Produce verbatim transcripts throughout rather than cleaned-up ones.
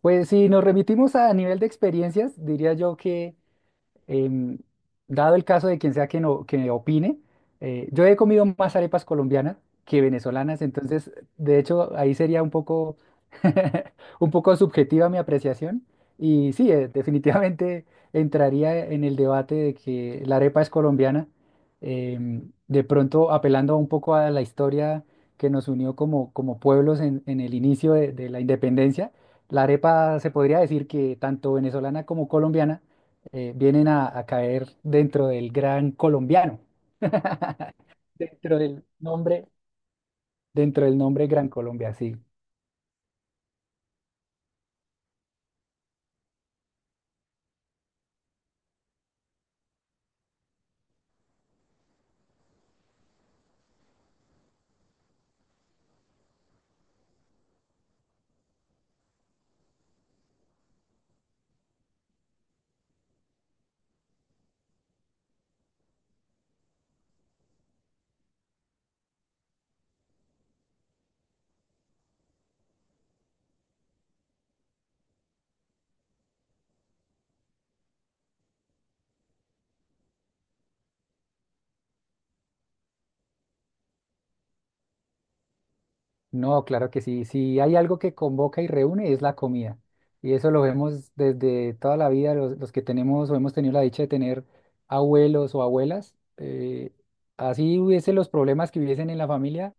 Pues si nos remitimos a nivel de experiencias, diría yo que em, dado el caso de quien sea que, no, que opine, eh, yo he comido más arepas colombianas que venezolanas. Entonces, de hecho, ahí sería un poco, un poco subjetiva mi apreciación. Y sí, eh, definitivamente entraría en el debate de que la arepa es colombiana, em, de pronto apelando un poco a la historia que nos unió como, como pueblos en, en el inicio de de la independencia. La arepa se podría decir que tanto venezolana como colombiana eh, vienen a, a caer dentro del gran colombiano, dentro del nombre, dentro del nombre Gran Colombia, sí. No, claro que sí. Si hay algo que convoca y reúne es la comida. Y eso lo vemos desde toda la vida, los, los que tenemos o hemos tenido la dicha de tener abuelos o abuelas. Eh, así hubiesen los problemas que hubiesen en la familia,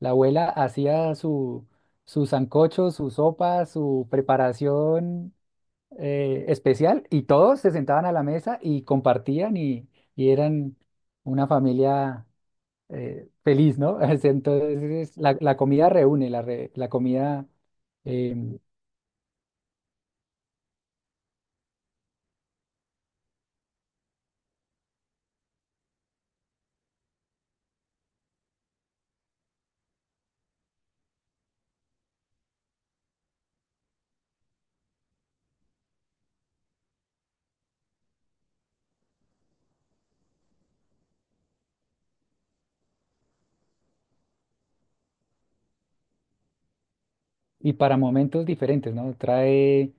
la abuela hacía su, su sancocho, su sopa, su preparación eh, especial, y todos se sentaban a la mesa y compartían, y, y eran una familia eh, feliz, ¿no? Entonces la, la comida reúne, la, re- la comida eh, y para momentos diferentes, ¿no? Trae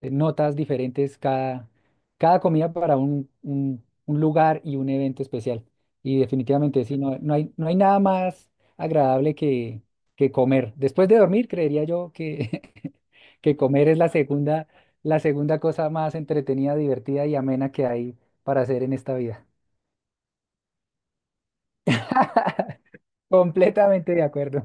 eh, notas diferentes cada, cada comida para un, un- un lugar y un evento especial. Y definitivamente sí, no, no hay, no hay nada más agradable que, que comer. Después de dormir, creería yo que que comer es la segunda, la segunda cosa más entretenida, divertida y amena que hay para hacer en esta vida. Completamente de acuerdo.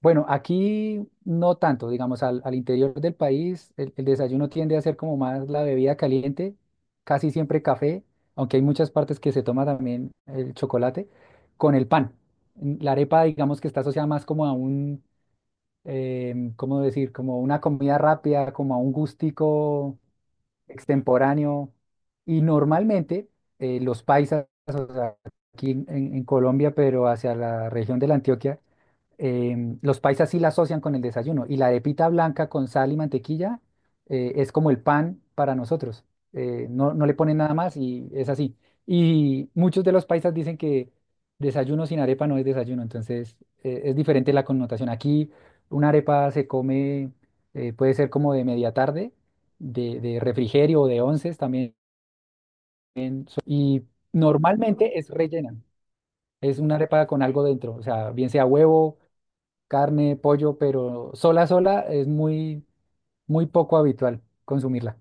Bueno, aquí no tanto, digamos, al, al interior del país el, el desayuno tiende a ser como más la bebida caliente, casi siempre café, aunque hay muchas partes que se toma también el chocolate, con el pan. Mm, la arepa, digamos que está asociada más como a un, em, ¿cómo decir? Como una comida rápida, como a un gustico extemporáneo. Y normalmente eh, los paisas, o sea, aquí en, en- en Colombia, pero hacia la región de la Antioquia, em, los paisas sí la asocian con el desayuno, y la arepita blanca con sal y mantequilla eh, es como el pan para nosotros. Eh, no, no le ponen nada más y es así. Y muchos de los paisas dicen que desayuno sin arepa no es desayuno. Entonces, eh, es diferente la connotación. Aquí una arepa se come, eh, puede ser como de media tarde, de, de refrigerio o de onces también. Y normalmente es rellena, es una arepa con algo dentro, o sea, bien sea huevo, carne, pollo, pero sola, sola es muy, muy poco habitual consumirla.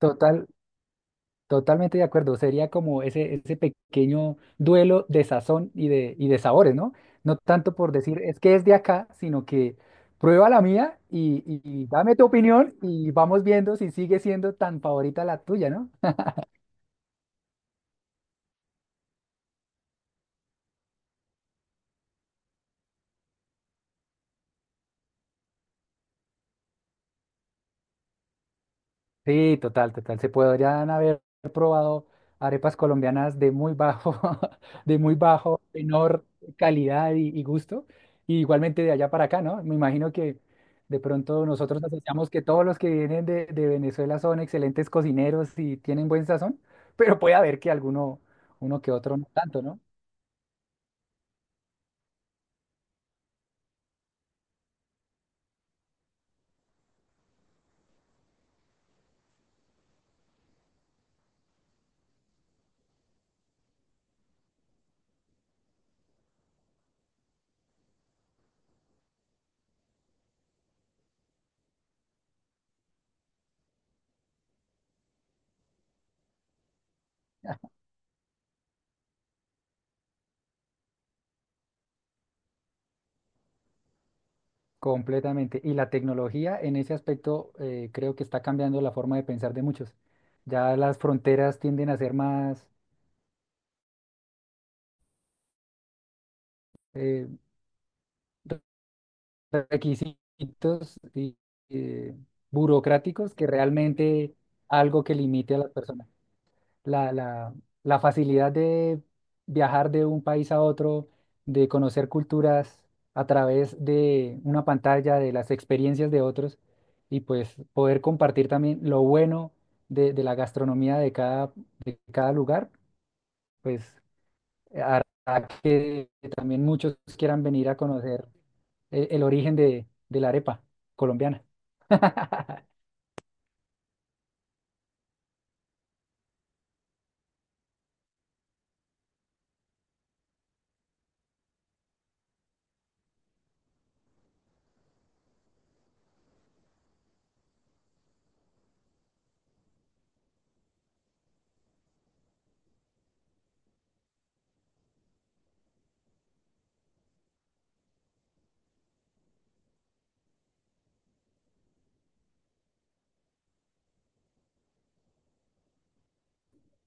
Total, totalmente de acuerdo. Sería como ese, ese pequeño duelo de sazón y de, y de sabores, ¿no? No tanto por decir es que es de acá, sino que prueba la mía y, y y dame tu opinión, y vamos viendo si sigue siendo tan favorita la tuya, ¿no? Sí, total, total. Se podrían haber probado arepas colombianas de muy bajo, de muy bajo, menor calidad y, y gusto. Y igualmente de allá para acá, ¿no? Me imagino que de pronto nosotros asociamos que todos los que vienen de, de Venezuela son excelentes cocineros y tienen buen sazón, pero puede haber que alguno, uno que otro no tanto, ¿no? Completamente. Y la tecnología en ese aspecto eh, creo que está cambiando la forma de pensar de muchos. Ya las fronteras tienden a ser más eh, requisitos y, eh, burocráticos que realmente algo que limite a las personas. La, la, la facilidad de viajar de un país a otro, de conocer culturas a través de una pantalla, de las experiencias de otros, y pues poder compartir también lo bueno de, de la gastronomía de cada, de cada lugar, pues que también muchos quieran venir a conocer el, el origen de, de la arepa colombiana.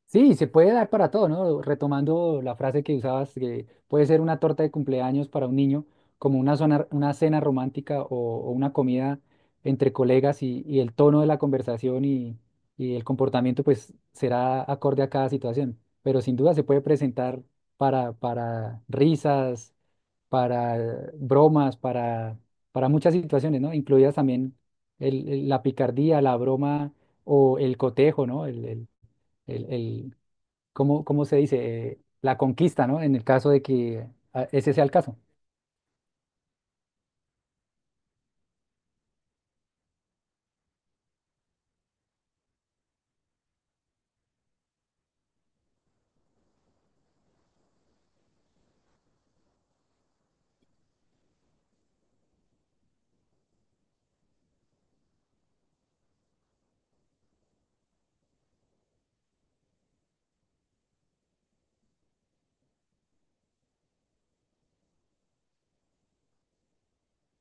Sí, se puede dar para todo, ¿no? Retomando la frase que usabas, que puede ser una torta de cumpleaños para un niño, como una, zona- una cena romántica o, o una comida entre colegas, y, y el tono de la conversación y, y el comportamiento, pues será acorde a cada situación, pero sin duda se puede presentar para, para risas, para bromas, para, para muchas situaciones, ¿no? Incluidas también el- el- la picardía, la broma o el cotejo, ¿no? El, el, el, el- ¿cómo, cómo se dice? Eh, la conquista, ¿no? En el caso de que ah, ese sea el caso.